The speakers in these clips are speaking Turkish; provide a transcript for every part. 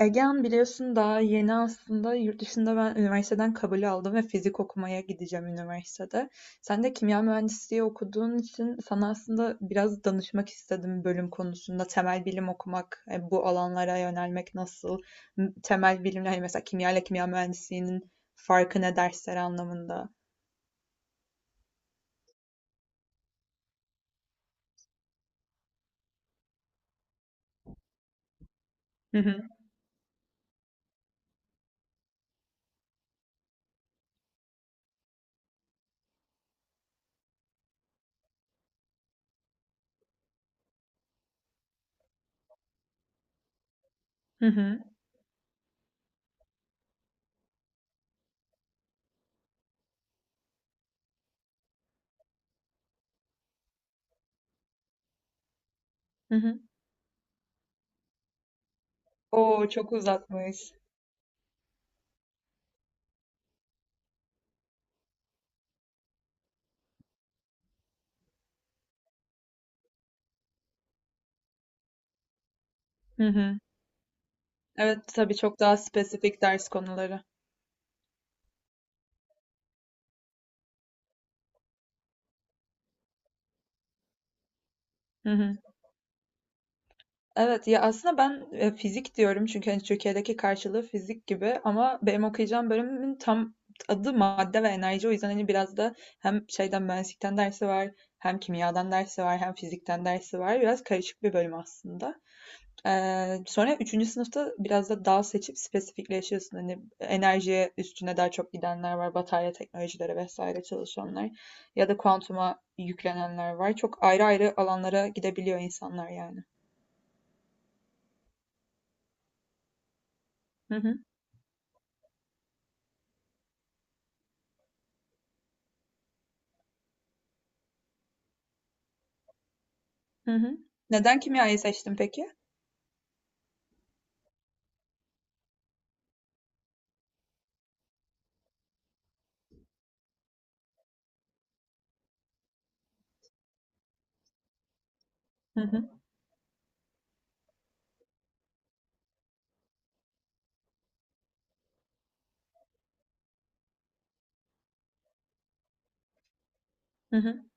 Egehan biliyorsun daha yeni aslında yurt dışında ben üniversiteden kabul aldım ve fizik okumaya gideceğim üniversitede. Sen de kimya mühendisliği okuduğun için sana aslında biraz danışmak istedim bölüm konusunda. Temel bilim okumak, bu alanlara yönelmek nasıl? Temel bilimler hani mesela kimya ile kimya mühendisliğinin farkı ne dersler anlamında? Hı hı, hı hı, hı hı. Oo, çok uzatmış. Hı hı. Evet, tabii çok daha spesifik ders konuları. Evet, ya, aslında ben, fizik diyorum çünkü, hani, Türkiye'deki karşılığı fizik gibi ama benim okuyacağım bölümün tam adı madde ve enerji. O yüzden, hani, biraz da hem şeyden, mühendislikten dersi var, hem kimyadan dersi var, hem fizikten dersi var. Biraz karışık bir bölüm aslında. Sonra üçüncü sınıfta biraz da dal seçip spesifikleşiyorsun. Hani, enerji üstüne daha çok gidenler var, batarya teknolojileri vesaire çalışanlar ya da kuantuma yüklenenler var. Çok ayrı ayrı alanlara gidebiliyor insanlar yani. Hı hı. Neden kimyayı seçtin peki? Hı hı. Hı hı.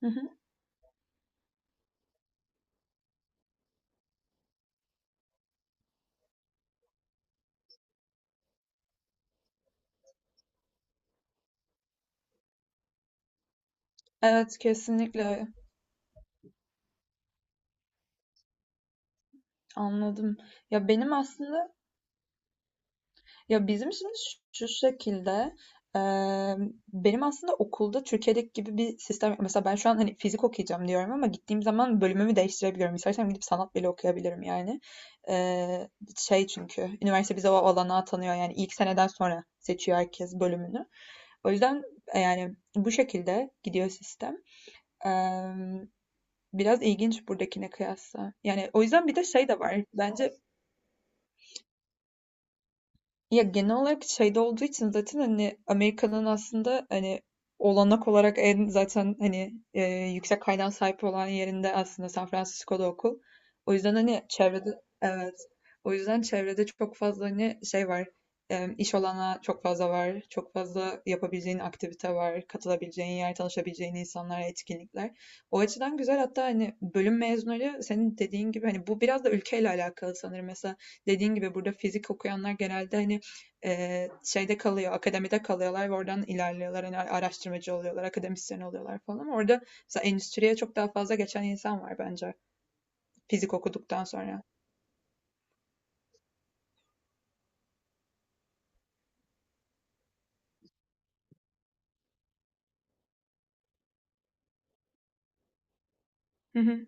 Hı hı. Evet, kesinlikle öyle. Anladım. Ya benim aslında ya bizim şimdi şu şekilde eee, benim aslında okulda Türkiye'deki gibi bir sistem yok. Mesela ben şu an hani fizik okuyacağım diyorum ama gittiğim zaman bölümümü değiştirebiliyorum. İstersem gidip sanat bile okuyabilirim yani. Eee, Şey çünkü üniversite bize o olanağı tanıyor. Yani ilk seneden sonra seçiyor herkes bölümünü. O yüzden yani bu şekilde gidiyor sistem. Eee Biraz ilginç buradakine kıyasla. Yani o yüzden bir de şey de var. Bence ya genel olarak şeyde olduğu için zaten hani Amerika'nın aslında hani olanak olarak en zaten hani yüksek kaynağa sahip olan yerinde aslında San Francisco'da okul. O yüzden hani çevrede evet. O yüzden çevrede çok fazla hani şey var. E, iş olanağı çok fazla var. Çok fazla yapabileceğin aktivite var. Katılabileceğin yer, tanışabileceğin insanlar, etkinlikler. O açıdan güzel, hatta hani bölüm mezunları senin dediğin gibi hani bu biraz da ülkeyle alakalı sanırım. Mesela dediğin gibi burada fizik okuyanlar genelde hani şeyde kalıyor, akademide kalıyorlar ve oradan ilerliyorlar. Yani araştırmacı oluyorlar, akademisyen oluyorlar falan. Orada mesela endüstriye çok daha fazla geçen insan var bence fizik okuduktan sonra. Hı hı,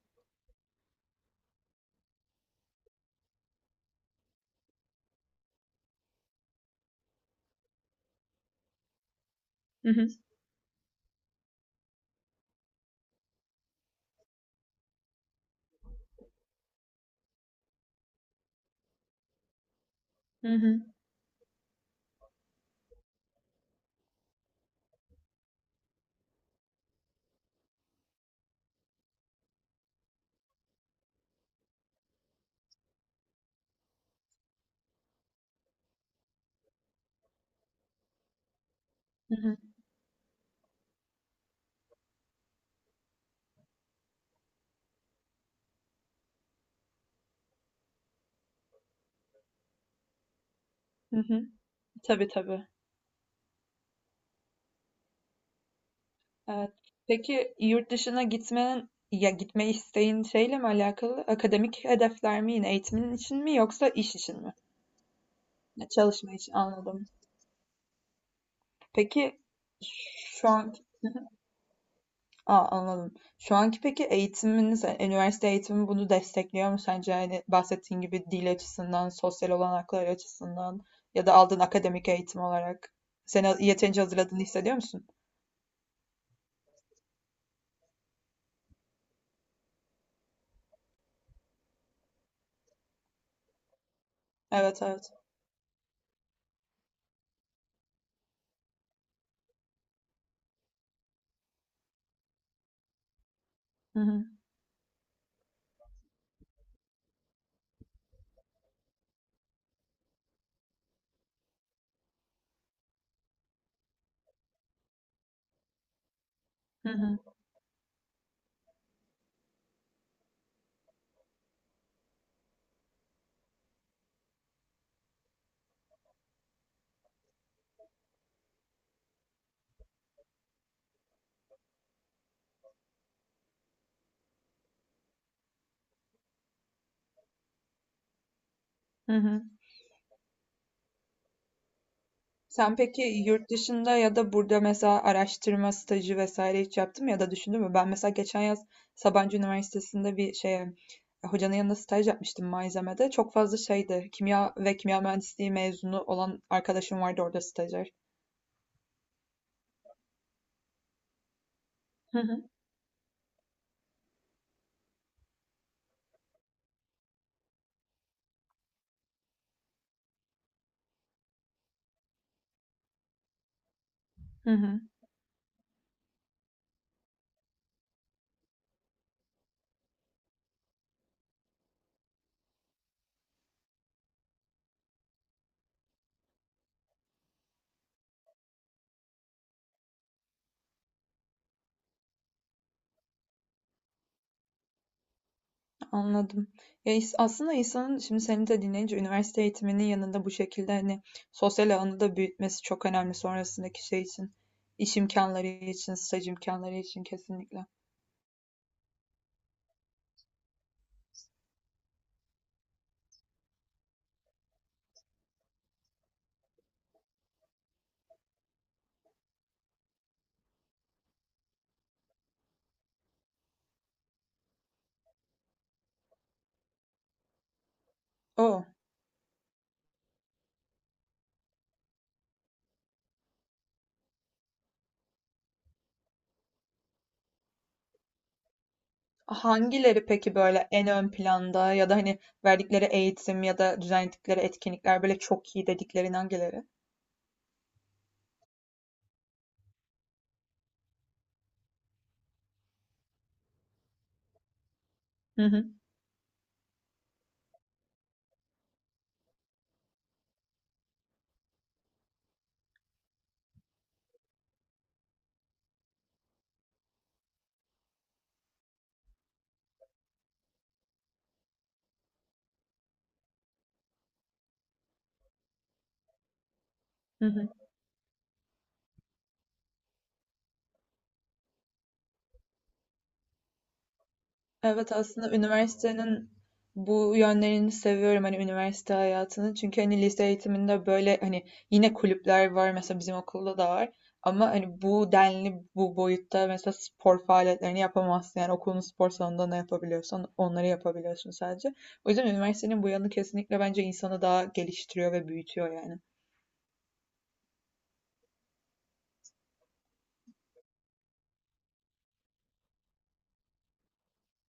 hı hı, hı hı, hı hı, hı hı. Tabii tabii. Evet. Peki yurt dışına gitmenin ya gitme isteğin şeyle mi alakalı? Akademik hedefler mi yine eğitimin için mi yoksa iş için mi? Ya, çalışma için anladım. Peki şu an anladım. Şu anki peki eğitiminiz, üniversite eğitimi bunu destekliyor mu sence? Yani bahsettiğin gibi dil açısından, sosyal olanaklar açısından ya da aldığın akademik eğitim olarak seni yeterince hazırladığını hissediyor musun? Evet, evet. Hı hı. Hı hı. Hı hı. Sen peki yurt dışında ya da burada mesela araştırma stajı vesaire hiç yaptın mı ya da düşündün mü? Ben mesela geçen yaz Sabancı Üniversitesi'nde bir şeye hocanın yanında staj yapmıştım malzemede. Çok fazla şeydi. Kimya ve kimya mühendisliği mezunu olan arkadaşım vardı orada stajyer. Hı hı. Hı hı. Anladım. Ya aslında insanın şimdi seni de dinleyince üniversite eğitiminin yanında bu şekilde hani sosyal alanı da büyütmesi çok önemli sonrasındaki şey için. İş imkanları için, staj imkanları için kesinlikle. Oo. Hangileri peki böyle en ön planda ya da hani verdikleri eğitim ya da düzenledikleri etkinlikler böyle çok iyi dediklerin hangileri? Hı hı. Evet, aslında üniversitenin bu yönlerini seviyorum, hani üniversite hayatını. Çünkü hani lise eğitiminde böyle hani yine kulüpler var, mesela bizim okulda da var. Ama hani bu denli bu boyutta mesela spor faaliyetlerini yapamazsın. Yani okulun spor salonunda ne yapabiliyorsan onları yapabiliyorsun sadece. O yüzden üniversitenin bu yanı kesinlikle bence insanı daha geliştiriyor ve büyütüyor yani.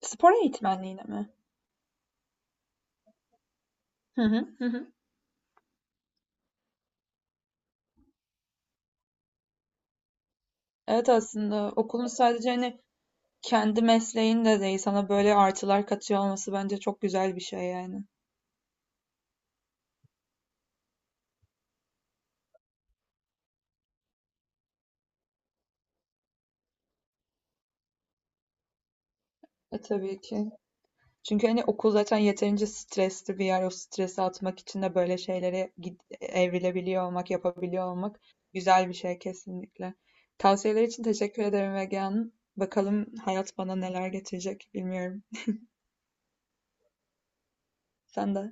Spor eğitmenliğine mi? Hı hı. Hı hı. Evet, aslında okulun sadece hani kendi mesleğin de değil, sana böyle artılar katıyor olması bence çok güzel bir şey yani. E tabii ki. Çünkü hani okul zaten yeterince stresli bir yer. O stresi atmak için de böyle şeylere evrilebiliyor olmak, yapabiliyor olmak güzel bir şey kesinlikle. Tavsiyeler için teşekkür ederim Ege Hanım. Bakalım hayat bana neler getirecek bilmiyorum. Sen de.